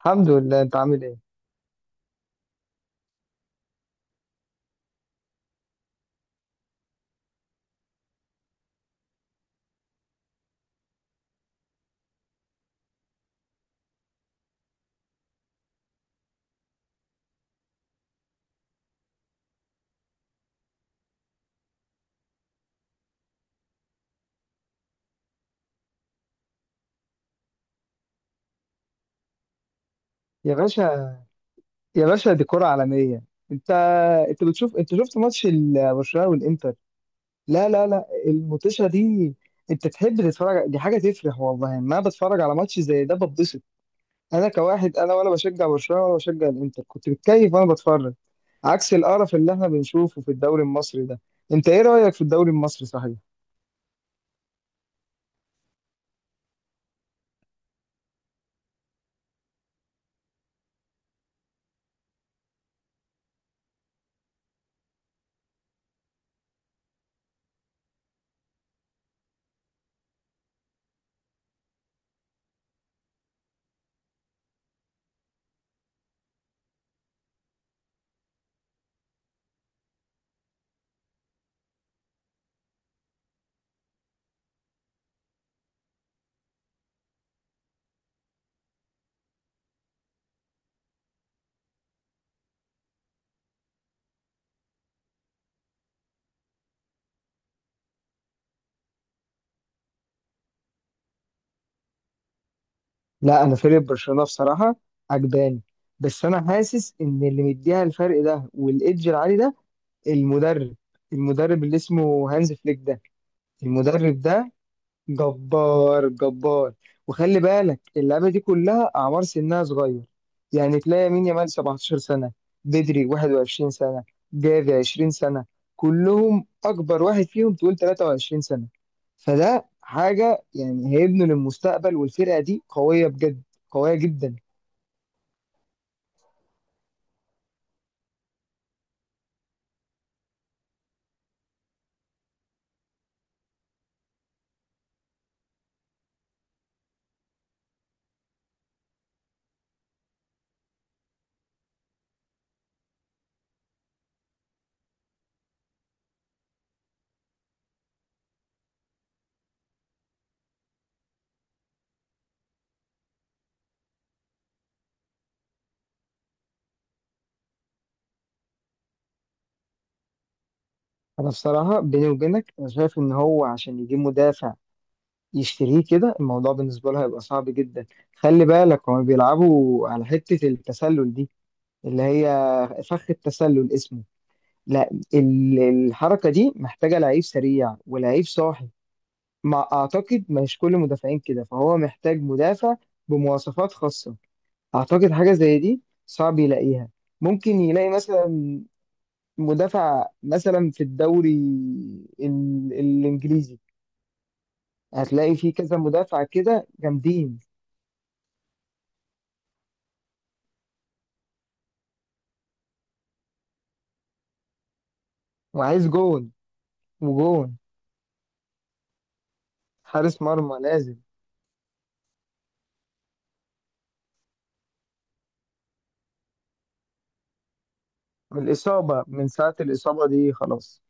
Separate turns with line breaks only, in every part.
الحمد لله انت عامل ايه. يا باشا، يا باشا، دي كرة عالمية. انت انت بتشوف، انت شفت ماتش برشلونة والانتر؟ لا، لا، لا، الموتوشة دي انت تحب تتفرج، دي حاجة تفرح، والله ما بتفرج على ماتش زي ده بتبسط. انا كواحد، انا ولا بشجع برشلونة ولا بشجع الانتر، كنت بتكيف وانا بتفرج. عكس القرف اللي احنا بنشوفه في الدوري المصري ده. انت ايه رأيك في الدوري المصري صحيح؟ لا، انا فريق برشلونة بصراحة عجباني. بس انا حاسس ان اللي مديها الفرق ده والايدج العالي ده المدرب المدرب اللي اسمه هانز فليك ده، المدرب ده جبار، جبار. وخلي بالك اللعبة دي كلها أعمار سنها صغير. يعني تلاقي يمين يامال 17 سنة، بدري 21 سنة، جافي 20 سنة، كلهم أكبر واحد فيهم تقول 23 سنة. فده حاجة، يعني هيبنوا للمستقبل، والفرقة دي قوية بجد، قوية جدا. أنا بصراحة بيني وبينك أنا شايف إن هو عشان يجيب مدافع يشتريه كده الموضوع بالنسبة له هيبقى صعب جدا. خلي بالك هما بيلعبوا على حتة التسلل دي، اللي هي فخ التسلل اسمه. لا ال- الحركة دي محتاجة لعيب سريع ولعيب صاحي. ما أعتقد مش كل المدافعين كده، فهو محتاج مدافع بمواصفات خاصة. أعتقد حاجة زي دي صعب يلاقيها. ممكن يلاقي مثلا مدافع مثلا في الدوري الإنجليزي، هتلاقي فيه كذا مدافع كده جامدين. وعايز جون، وجون حارس مرمى لازم. من الإصابة، من ساعة الإصابة دي خلاص.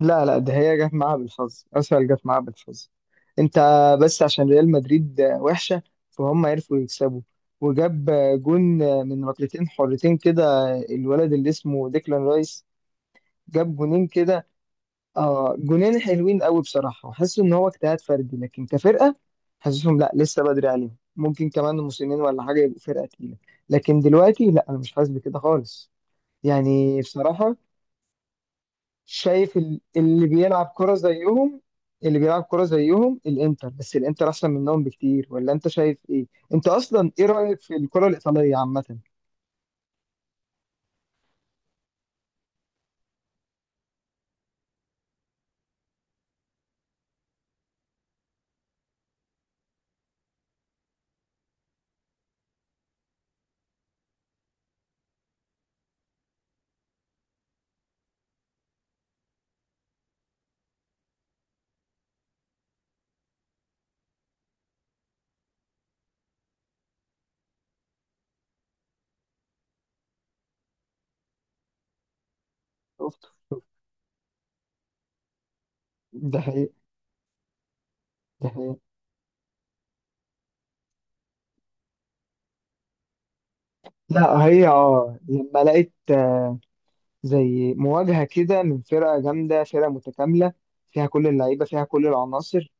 لا، لا، ده هي جت معاها بالحظ، أسهل، جت معاها بالحظ. أنت بس عشان ريال مدريد وحشة فهم عرفوا يكسبوا. وجاب جون من ركلتين حرتين كده الولد اللي اسمه ديكلان رايس. جاب جونين كده، اه، جونين حلوين قوي بصراحة. وحاسس ان هو اجتهاد فردي، لكن كفرقة حاسسهم لا، لسه بدري عليهم، ممكن كمان موسمين ولا حاجة يبقوا فرقة تقيلة. لكن دلوقتي لا، انا مش حاسس بكده خالص. يعني بصراحة شايف اللي بيلعب كرة زيهم، اللي بيلعب كرة زيهم الانتر، بس الانتر احسن منهم بكتير، ولا انت شايف ايه؟ انت اصلا ايه رأيك في الكرة الإيطالية عامة؟ شفت؟ ده حقيقي، ده حقيقي. لا هي اه، لما لقيت زي مواجهة كده من فرقة جامدة، فرقة متكاملة، فيها كل اللعيبة، فيها كل العناصر،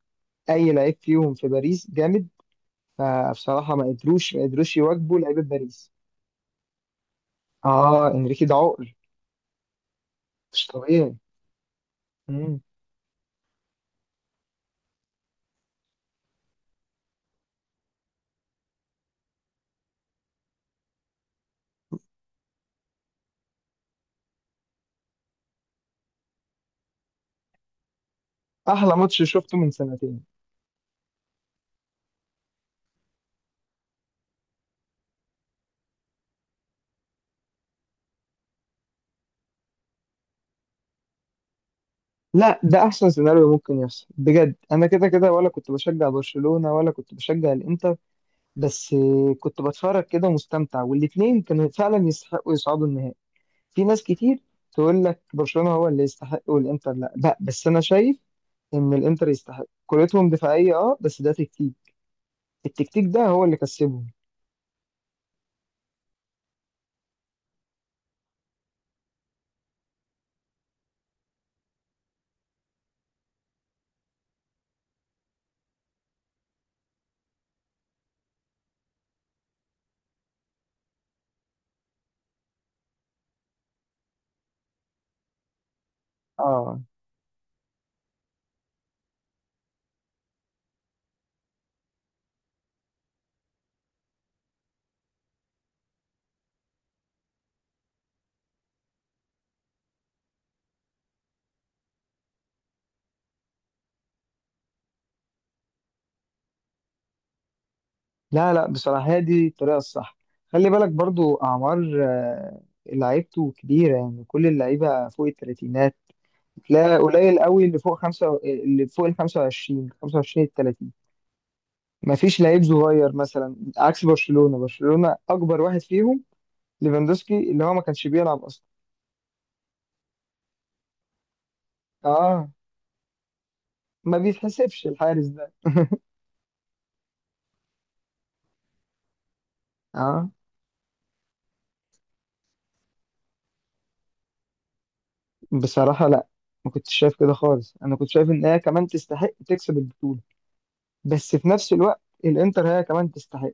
أي لعيب فيهم في باريس جامد. فبصراحة ما قدروش يواجبوا لعيبة باريس. آه، إنريكي ده عقر، مش طبيعي. مم. أحلى ماتش شفته من سنتين. لا، ده أحسن سيناريو ممكن يحصل بجد. أنا كده كده ولا كنت بشجع برشلونة ولا كنت بشجع الإنتر، بس كنت بتفرج كده ومستمتع، والاتنين كانوا فعلا يستحقوا يصعدوا النهائي. في ناس كتير تقول لك برشلونة هو اللي يستحق والانتر لا، بقى بس انا شايف ان الانتر يستحق، كورتهم دفاعية اه، بس ده تكتيك، التكتيك ده هو اللي كسبهم. اه، لا، لا، بصراحة هي دي الطريقة الصح. خلي بالك برضو اعمار، لعيبته كبيرة، يعني كل اللعيبة فوق الثلاثينات. تلاقي قليل قوي اللي فوق خمسة، اللي فوق ال 25، 25 ال 30. مفيش لعيب صغير مثلا، عكس برشلونة، برشلونة اكبر واحد فيهم ليفاندوسكي اللي هو ما كانش بيلعب اصلا. اه، ما بيتحسبش الحارس ده. اه، بصراحة لا، ما كنتش شايف كده خالص. انا كنت شايف ان هي كمان تستحق تكسب البطولة، بس في نفس الوقت الانتر هي كمان تستحق.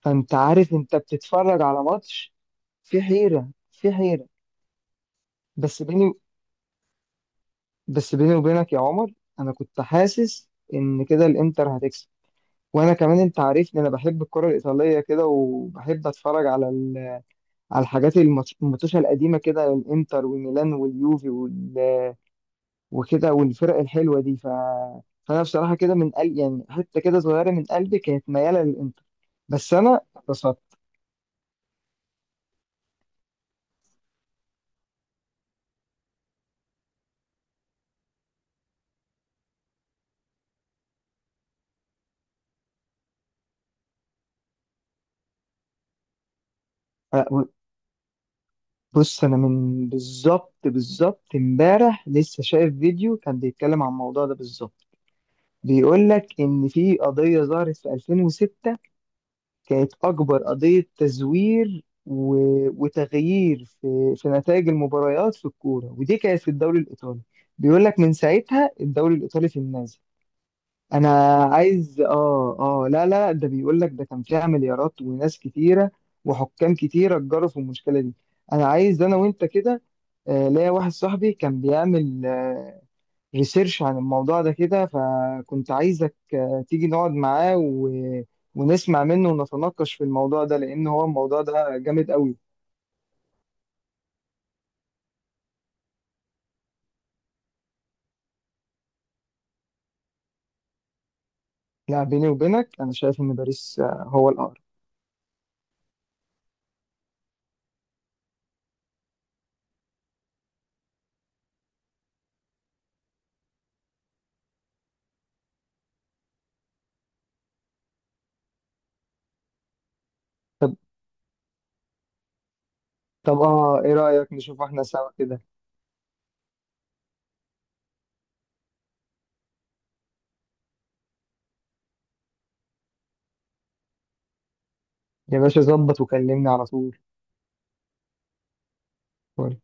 فانت عارف انت بتتفرج على ماتش في حيرة، في حيرة. بس بيني بس بيني وبينك يا عمر، انا كنت حاسس ان كده الانتر هتكسب. وانا كمان انت عارفني انا بحب الكرة الايطالية كده، وبحب اتفرج على على الحاجات، الماتشات القديمة كده، الانتر والميلان واليوفي وكده والفرق الحلوه دي، فانا بصراحه كده من قلب، يعني حته كده صغيره من قلبي كانت مياله للانتر. بس انا اتبسطت. أ- بص انا من بالظبط، بالظبط امبارح لسه شايف فيديو كان بيتكلم عن الموضوع ده بالظبط. بيقول لك ان في قضيه ظهرت في 2006، كانت اكبر قضيه تزوير وتغيير في نتائج المباريات في الكوره، ودي كانت في الدوري الايطالي. بيقول لك من ساعتها الدوري الايطالي في النازل. انا عايز، اه لا، لا، ده بيقول لك ده كان فيها مليارات وناس كتيره وحكام كتيره اتجروا في المشكله دي. انا عايز انا وانت كده، ليا واحد صاحبي كان بيعمل ريسيرش عن الموضوع ده كده، فكنت عايزك تيجي نقعد معاه ونسمع منه ونتناقش في الموضوع ده، لان هو الموضوع ده جامد قوي. لا، بيني وبينك انا شايف ان باريس هو الاقرب. طب، ايه رايك نشوف احنا سوا كده؟ يا باشا ظبط وكلمني على طول.